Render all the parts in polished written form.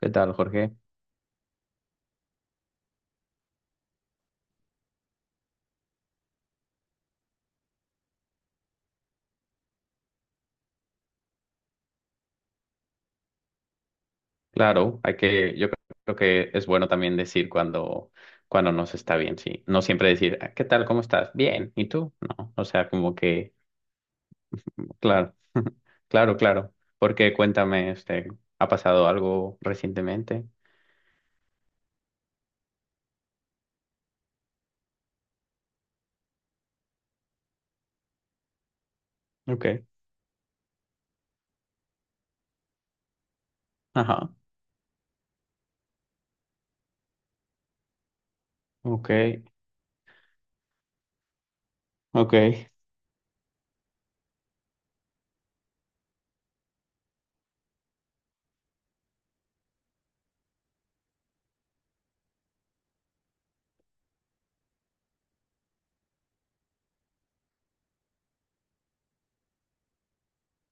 ¿Qué tal, Jorge? Claro, hay que, yo creo que es bueno también decir cuando, cuando no se está bien, sí. No siempre decir, "Ah, ¿qué tal? ¿Cómo estás? Bien. ¿Y tú?" No. O sea, como que, claro, claro. Porque cuéntame, ¿ha pasado algo recientemente? Ok. Ajá. Ok. Ok.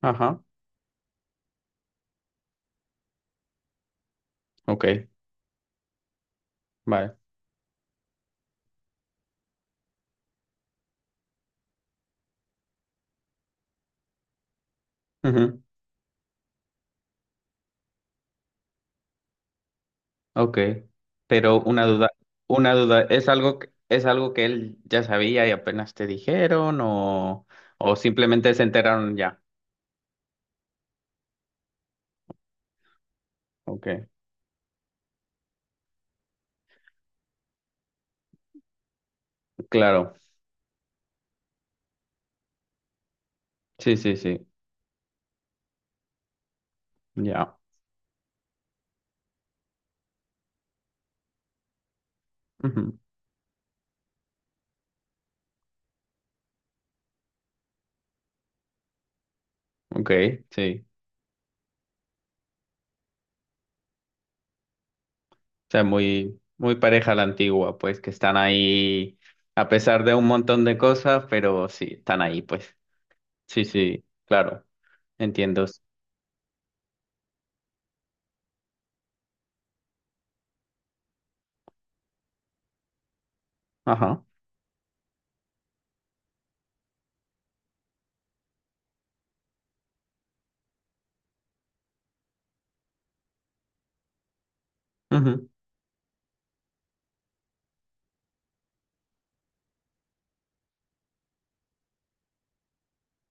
Ajá. Ok. Vale. Ujú. Ok, pero una duda, es algo que él ya sabía y apenas te dijeron, o simplemente se enteraron ya? Ok, claro, sí, sí, sí, ya, ujú. Ok, sí, o sea, muy, muy pareja la antigua, pues que están ahí a pesar de un montón de cosas, pero sí, están ahí, pues, sí, sí, claro, entiendo, ajá, ujú,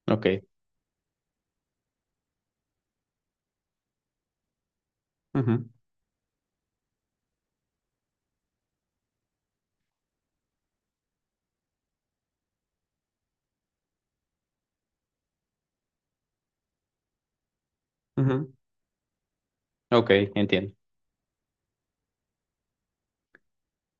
Ok, ujú, ujú, Ok, entiendo.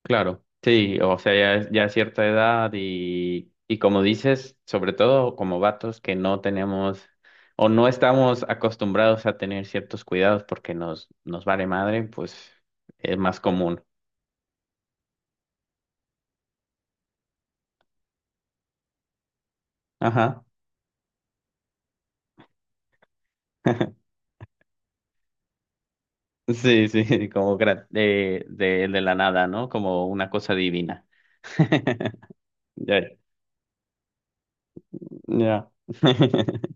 Claro, sí, o sea, ya, es- ya a cierta edad y como dices, sobre todo como vatos que no tenemos o no estamos acostumbrados a tener ciertos cuidados porque nos, nos vale madre, pues es más común. Ajá. Sí, sí, como gra- de la nada, ¿no? Como una cosa divina. Ya, ya.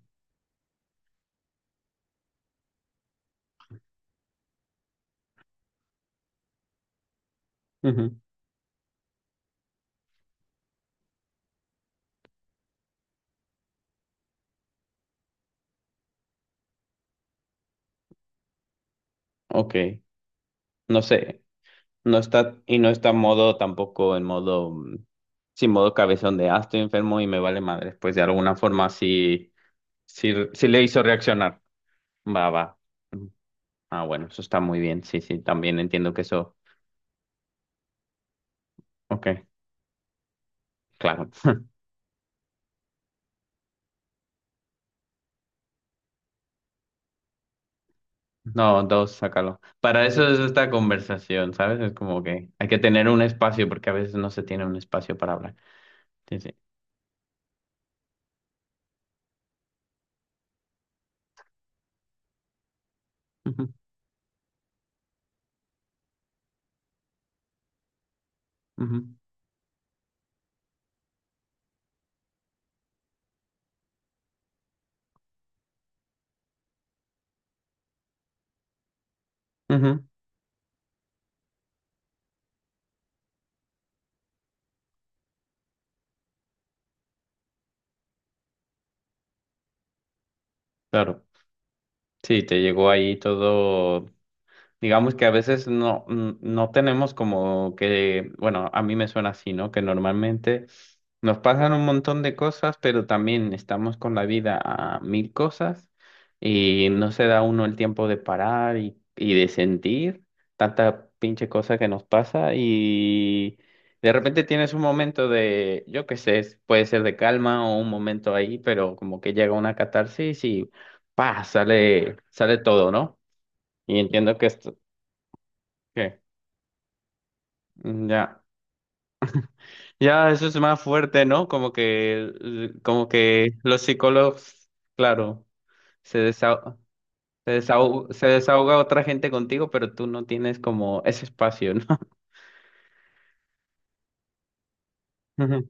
Ujú. Ok, no sé. No está, y no está en modo, tampoco en modo, sí, modo cabezón de, ah, estoy enfermo y me vale madre. Pues de alguna forma sí, sí, sí le hizo reaccionar. Va, va. Mm. Ah, bueno, eso está muy bien. Sí, sí, también entiendo que eso. Ok, claro. No, dos, sácalo. Para eso es esta conversación, ¿sabes? Es como que hay que tener un espacio porque a veces no se tiene un espacio para hablar. Sí, sí. Ujú, ujú, ujú. Claro. Sí, te llegó ahí todo. Digamos que a veces no, no tenemos como que, bueno, a mí me suena así, ¿no? Que normalmente nos pasan un montón de cosas, pero también estamos con la vida a mil cosas y no se da uno el tiempo de parar y de sentir tanta pinche cosa que nos pasa y de repente tienes un momento de, yo qué sé, es- puede ser de calma o un momento ahí, pero como que llega una catarsis y ¡pa! Sale, sale todo, ¿no? Y entiendo que es. ¿Qué? Mm, ya. Ya, eso es más fuerte, ¿no? Como que, l- como que los psicólogos, claro, se desahoga, se desahoga otra gente contigo, pero tú no tienes como ese espacio, ¿no? Ujú.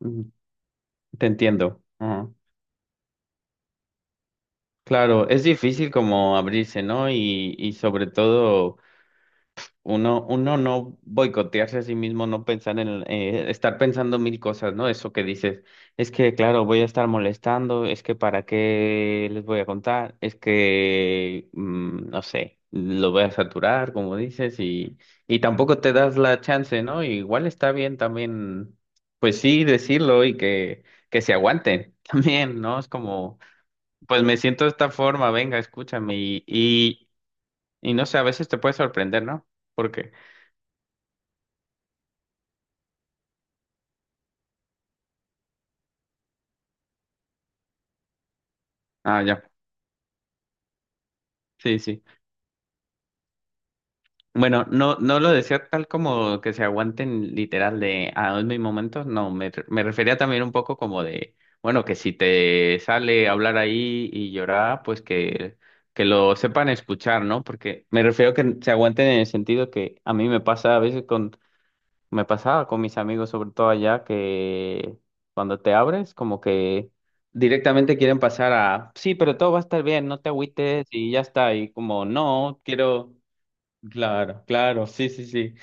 Ujú. Te entiendo. Ajá. Claro, es difícil como abrirse, ¿no? Y sobre todo. Uno, uno no boicotearse a sí mismo, no pensar en, estar pensando mil cosas, ¿no? Eso que dices, es que, claro, voy a estar molestando, es que para qué les voy a contar, es que, no sé, lo voy a saturar, como dices, y tampoco te das la chance, ¿no? Igual está bien también, pues sí, decirlo y que se aguanten también, ¿no? Es como, pues me siento de esta forma, venga, escúchame, y no sé, a veces te puede sorprender, ¿no? Porque ah, ya. Sí, sí. Bueno, no, no lo decía tal como que se aguanten literal de a mis momentos. No, me, re- me refería también un poco como de, bueno, que si te sale hablar ahí y llorar, pues que lo sepan escuchar, ¿no? Porque me refiero que se aguanten en el sentido que a mí me pasa a veces con, me pasaba con mis amigos, sobre todo allá, que cuando te abres, como que directamente quieren pasar a, sí, pero todo va a estar bien, no te agüites y ya está. Y como, no, quiero. Claro, claro, sí, sí, sí.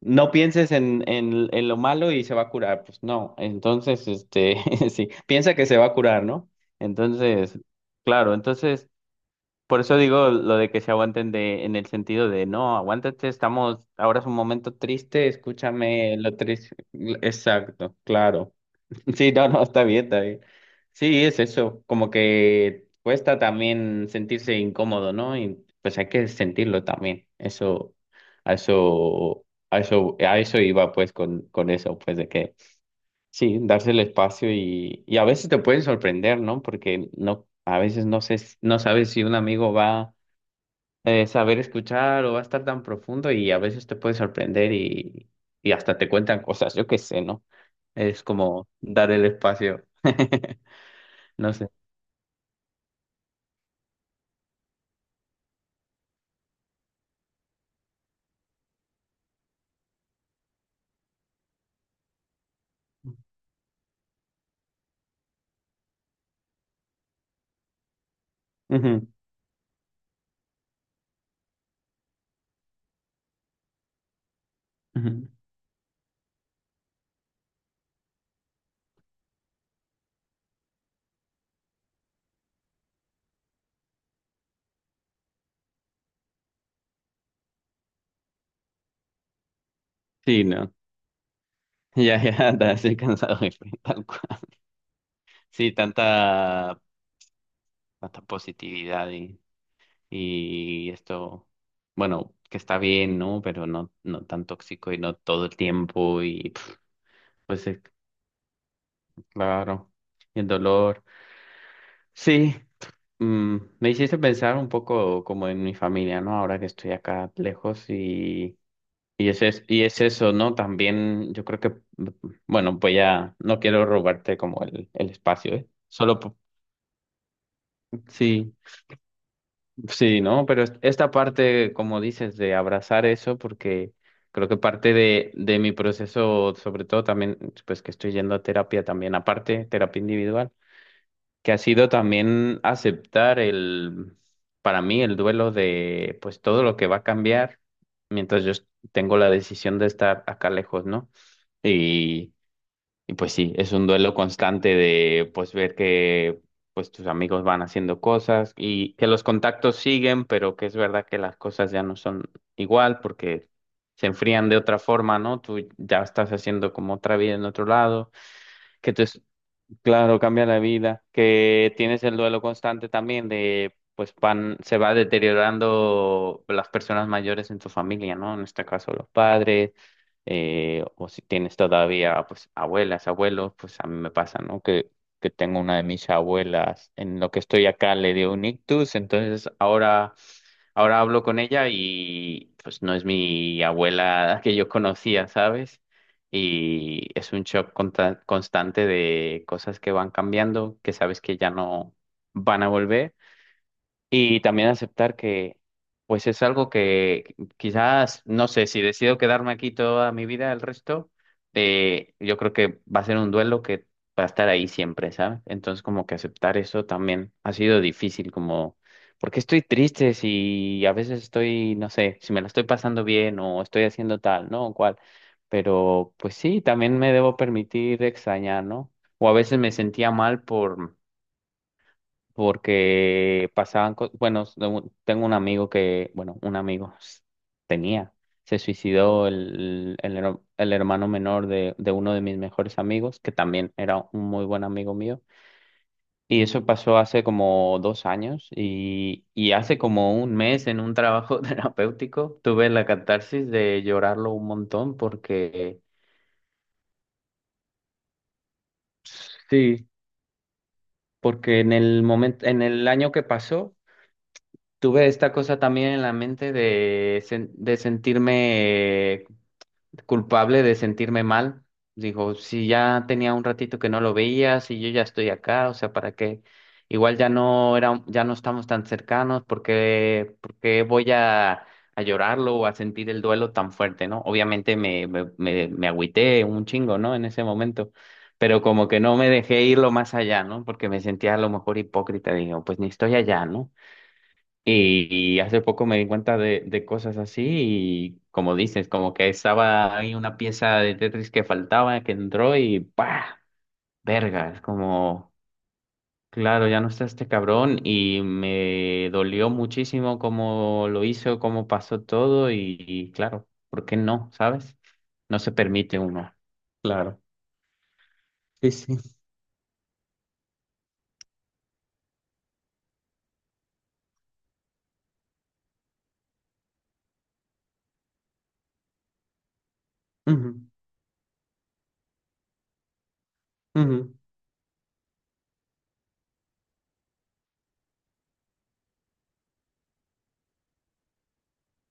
No pienses en lo malo y se va a curar, pues no. Entonces, sí, piensa que se va a curar, ¿no? Entonces, claro, entonces, por eso digo lo de que se aguanten de, en el sentido de, no, aguántate, estamos, ahora es un momento triste, escúchame lo triste. Exacto, claro. Sí, no, no, está bien, está bien. Sí, es eso, como que cuesta también sentirse incómodo, ¿no? Y pues hay que sentirlo también. Eso, a eso iba pues con eso, pues de que sí, darse el espacio y a veces te pueden sorprender, ¿no? Porque no, a veces no sé, s- no sabes si un amigo va a saber escuchar o va a estar tan profundo y a veces te puede sorprender y hasta te cuentan cosas, yo qué sé, ¿no? Es como dar el espacio. No sé. Ujú, ujú. Sí, no. Ya, ya, ya estoy cansado, jefe, tal cual. Sí, tanta, tanta positividad y esto, bueno, que está bien, ¿no? Pero no, no tan tóxico y no todo el tiempo y pf, pues claro, y el dolor. Sí, me hiciste pensar un poco como en mi familia, ¿no? Ahora que estoy acá lejos. Y es- y es eso, ¿no? También yo creo que, mm, bueno, voy a, no quiero robarte como el espacio, ¿eh? Solo, po- sí, sí, ¿no? Pero es- esta parte, como dices, de abrazar eso, porque creo que parte de mi proceso, sobre todo también, pues que estoy yendo a terapia también, aparte, terapia individual, que ha sido también aceptar el, para mí, el duelo de, pues todo lo que va a cambiar mientras yo tengo la decisión de estar acá lejos, ¿no? Y y pues sí, es un duelo constante de pues ver que pues tus amigos van haciendo cosas y que los contactos siguen, pero que es verdad que las cosas ya no son igual porque se enfrían de otra forma, ¿no? Tú ya estás haciendo como otra vida en otro lado, que tus Claro, cambia la vida, que tienes el duelo constante también de, pues van, se va deteriorando las personas mayores en tu familia, ¿no? En este caso los padres, o si tienes todavía, pues abuelas, abuelos, pues a mí me pasa, ¿no? Que tengo una de mis abuelas, en lo que estoy acá le dio un ictus, entonces ahora, ahora hablo con ella y pues no es mi abuela que yo conocía, ¿sabes? Y es un shock conta- constante de cosas que van cambiando, que sabes que ya no van a volver y también aceptar que, pues es algo que quizás, no sé, si decido quedarme aquí toda mi vida, el resto, yo creo que va a ser un duelo que va a estar ahí siempre, ¿sabes? Entonces, como que aceptar eso también ha sido difícil, como, porque estoy triste si a veces estoy, no sé, si me la estoy pasando bien o estoy haciendo tal, ¿no? O cual. Pero, pues sí, también me debo permitir extrañar, ¿no? O a veces me sentía mal por porque pasaban cosas, bueno, s- tengo un amigo que, bueno, un amigo s- tenía, se suicidó el, her- el hermano menor de uno de mis mejores amigos, que también era un muy buen amigo mío, y eso pasó hace como dos años, y hace como un mes en un trabajo terapéutico tuve la catarsis de llorarlo un montón porque, sí, porque en el momento, en el año que pasó, tuve esta cosa también en la mente de, sen- de sentirme culpable, de sentirme mal. Digo, si ya tenía un ratito que no lo veía, si yo ya estoy acá, o sea, ¿para qué? Igual ya no era, ya no estamos tan cercanos, porque, porque voy a llorarlo o a sentir el duelo tan fuerte, ¿no? Obviamente me, me agüité un chingo, ¿no? En ese momento. Pero como que no me dejé irlo más allá, ¿no? Porque me sentía a lo mejor hipócrita. Digo, pues ni estoy allá, ¿no? Y hace poco me di cuenta de cosas así y como dices, como que estaba ahí una pieza de Tetris que faltaba, que entró y ¡pah! Verga, es como, claro, ya no está este cabrón y me dolió muchísimo cómo lo hizo, cómo pasó todo y claro, ¿por qué no? ¿Sabes? No se permite uno. Claro. Sí, sí. Ujú, ujú,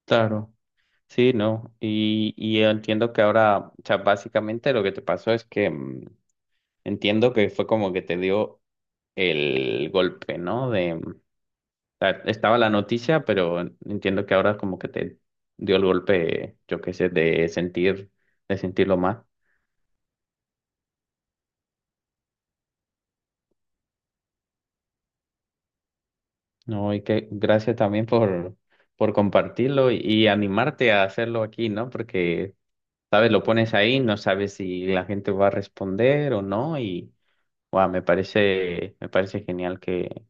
claro. Sí, no. Y entiendo que ahora, o sea, básicamente lo que te pasó es que... entiendo que fue como que te dio el golpe, ¿no? De, o sea, estaba la noticia, pero entiendo que ahora como que te dio el golpe, yo qué sé, de sentir, de sentirlo más, ¿no? Y que gracias también por compartirlo y animarte a hacerlo aquí, ¿no? Porque, sabes, lo pones ahí, no sabes si la gente va a responder o no, y, wow, me parece genial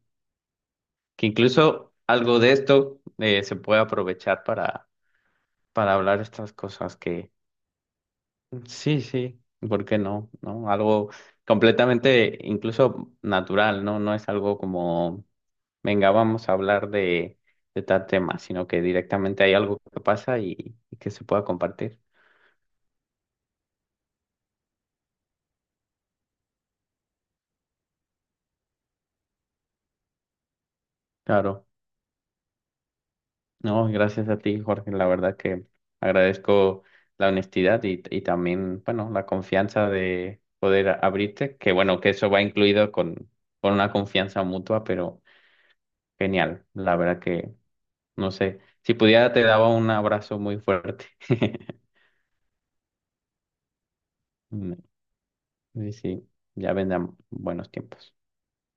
que incluso algo de esto se puede aprovechar para hablar estas cosas que sí, sí, ¿por qué no? ¿No? Algo completamente incluso natural, ¿no? No es algo como, venga, vamos a hablar de tal tema, sino que directamente hay algo que pasa y que se pueda compartir. Claro, no, gracias a ti, Jorge, la verdad que agradezco la honestidad y también, bueno, la confianza de poder abrirte, que bueno, que eso va incluido con una confianza mutua, pero genial, la verdad que... No sé, si pudiera te daba un abrazo muy fuerte. Sí, sí, ya vendrán buenos tiempos.